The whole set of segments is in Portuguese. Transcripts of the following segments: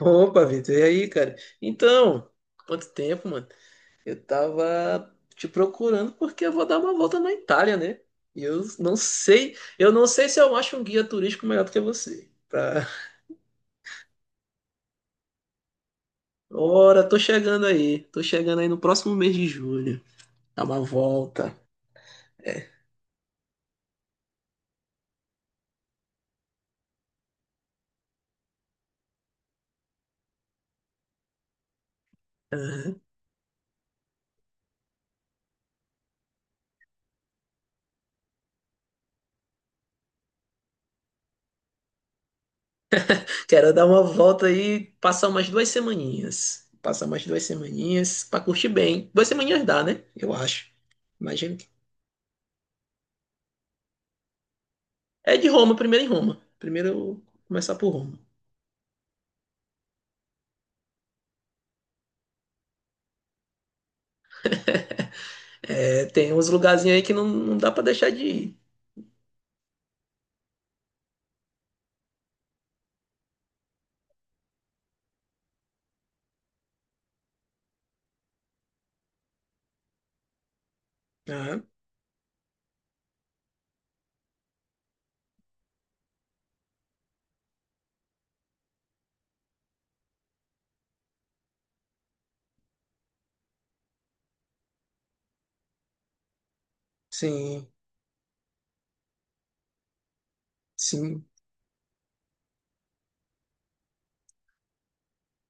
Opa, Vitor, e aí, cara? Então, quanto tempo, mano? Eu tava te procurando porque eu vou dar uma volta na Itália, né? E eu não sei se eu acho um guia turístico melhor do que você. Ora, tô chegando aí no próximo mês de julho. Dar uma volta. É. Aham. Quero dar uma volta aí, passar umas 2 semaninhas. Passar umas duas semaninhas pra curtir bem. 2 semaninhas dá, né? Eu acho. Mas É de Roma, primeiro em Roma. Primeiro eu vou começar por Roma. É, tem uns lugarzinhos aí que não, não dá pra deixar de ir. Ah, sim, sim.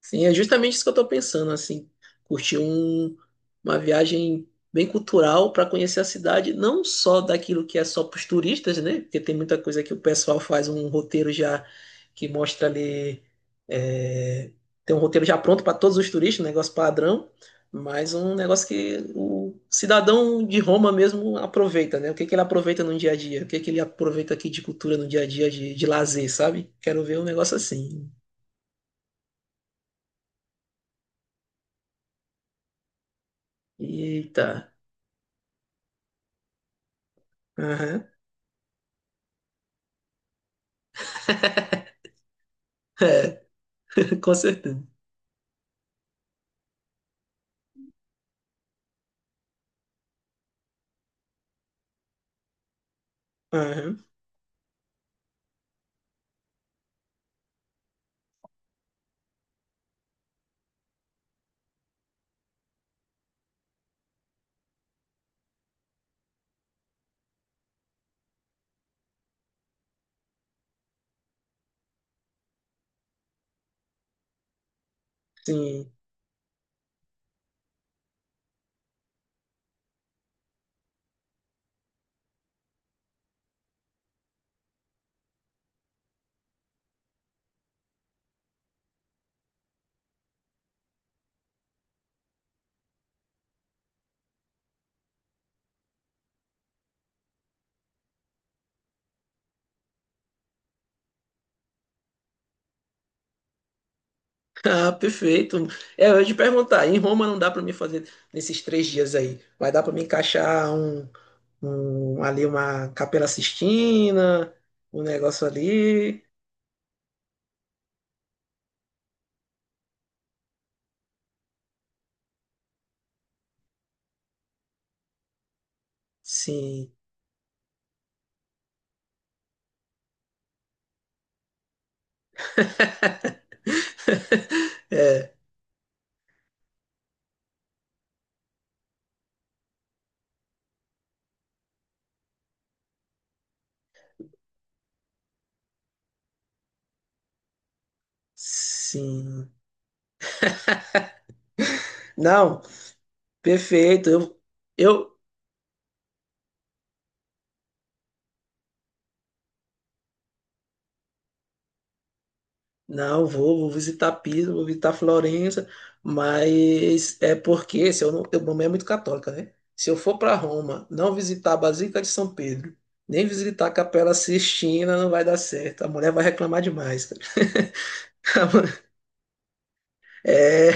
Sim, é justamente isso que eu tô pensando, assim, curtir uma viagem bem cultural para conhecer a cidade, não só daquilo que é só para os turistas, né? Porque tem muita coisa que o pessoal faz um roteiro já que mostra ali, é, tem um roteiro já pronto para todos os turistas, um negócio padrão, mas um negócio que o cidadão de Roma mesmo aproveita, né? O que que ele aproveita no dia a dia? O que que ele aproveita aqui de cultura no dia a dia, de lazer, sabe? Quero ver um negócio assim. Eita. Aham. É, com certeza. Aham. Sim. Ah, perfeito. É, eu ia te perguntar, em Roma não dá para mim fazer nesses 3 dias aí. Vai dar para me encaixar ali uma Capela Sistina, um negócio ali. Sim. É, sim. Não, perfeito. Eu, Não, vou visitar Pisa, vou visitar Florença, mas é porque se eu não, eu, minha mãe é muito católica, né? Se eu for para Roma, não visitar a Basílica de São Pedro, nem visitar a Capela Sistina, não vai dar certo. A mulher vai reclamar demais, cara. É,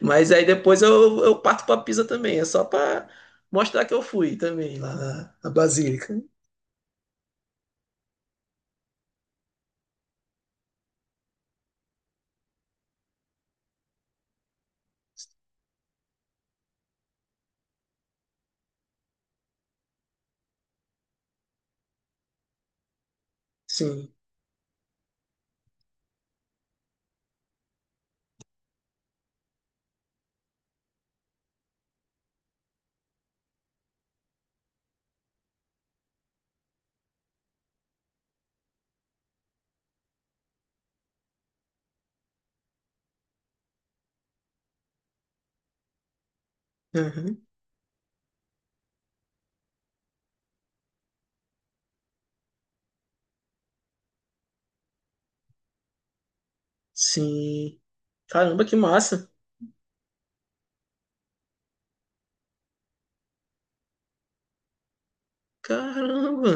mas aí depois eu parto para Pisa também, é só para mostrar que eu fui também lá na Basílica. Sim. Uhum. Sim. Caramba, que massa. Caramba.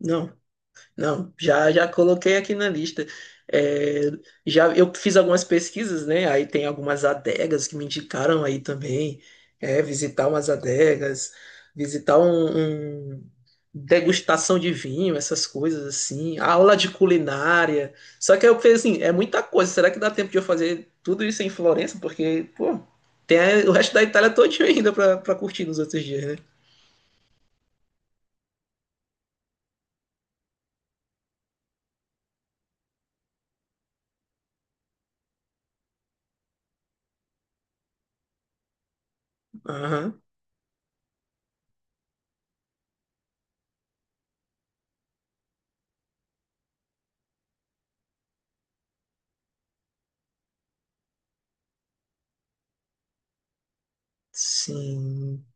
Não, não, já coloquei aqui na lista. É, já eu fiz algumas pesquisas, né? Aí tem algumas adegas que me indicaram aí também. É, visitar umas adegas, visitar degustação de vinho, essas coisas assim, aula de culinária. Só que eu pensei assim, é muita coisa. Será que dá tempo de eu fazer tudo isso em Florença? Porque, pô, tem o resto da Itália todinho ainda pra curtir nos outros dias, né? Aham. Sim.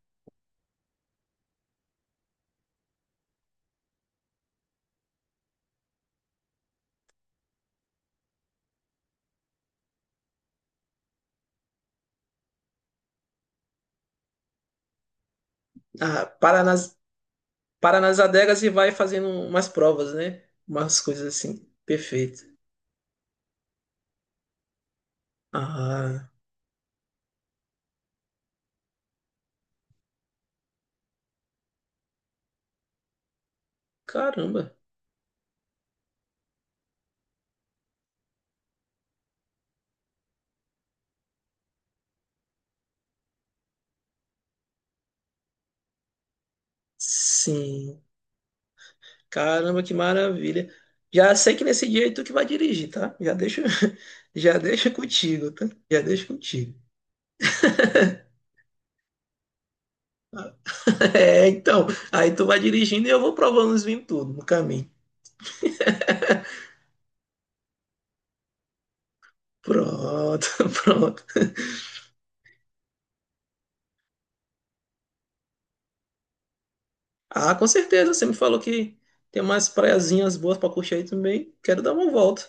Ah, para nas adegas e vai fazendo umas provas, né? Umas coisas assim. Perfeito. Ah, caramba. Sim. Caramba, que maravilha. Já sei que nesse dia é tu que vai dirigir, tá? Já deixa, já deixa contigo, tá? Já deixa contigo. É, então, aí tu vai dirigindo e eu vou provando os vinhos tudo no caminho. Pronto, pronto. Ah, com certeza, você me falou que tem umas praiazinhas boas pra curtir aí também. Quero dar uma volta.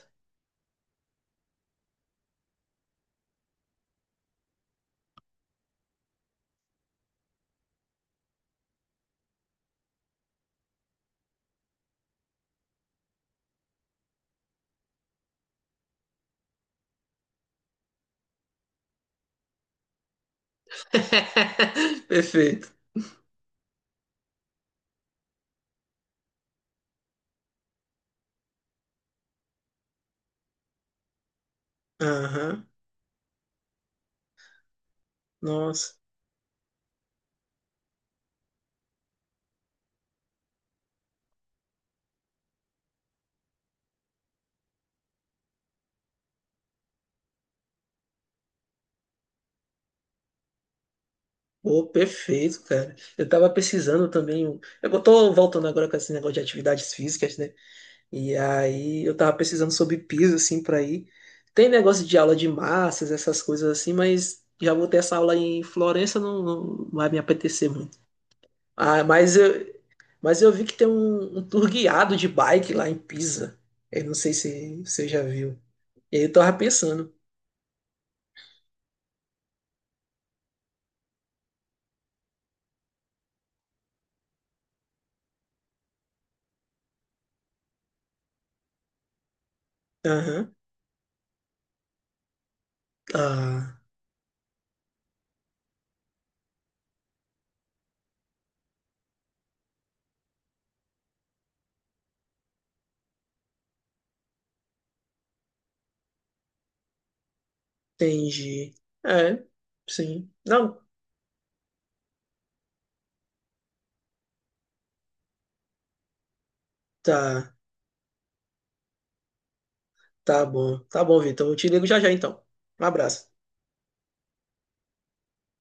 Perfeito. Aham. Nossa. Pô, perfeito, cara. Eu tava pesquisando também. Eu tô voltando agora com esse negócio de atividades físicas, né? E aí eu tava pesquisando sobre piso, assim, pra ir. Tem negócio de aula de massas, essas coisas assim, mas já vou ter essa aula em Florença, não, não vai me apetecer muito. Ah, mas eu vi que tem um tour guiado de bike lá em Pisa. Eu não sei se você já viu. E aí eu tava pensando. Aham. Ah, entendi. É, sim. Não, tá. Tá bom. Tá bom, Vitor. Eu te ligo já já então. Um abraço.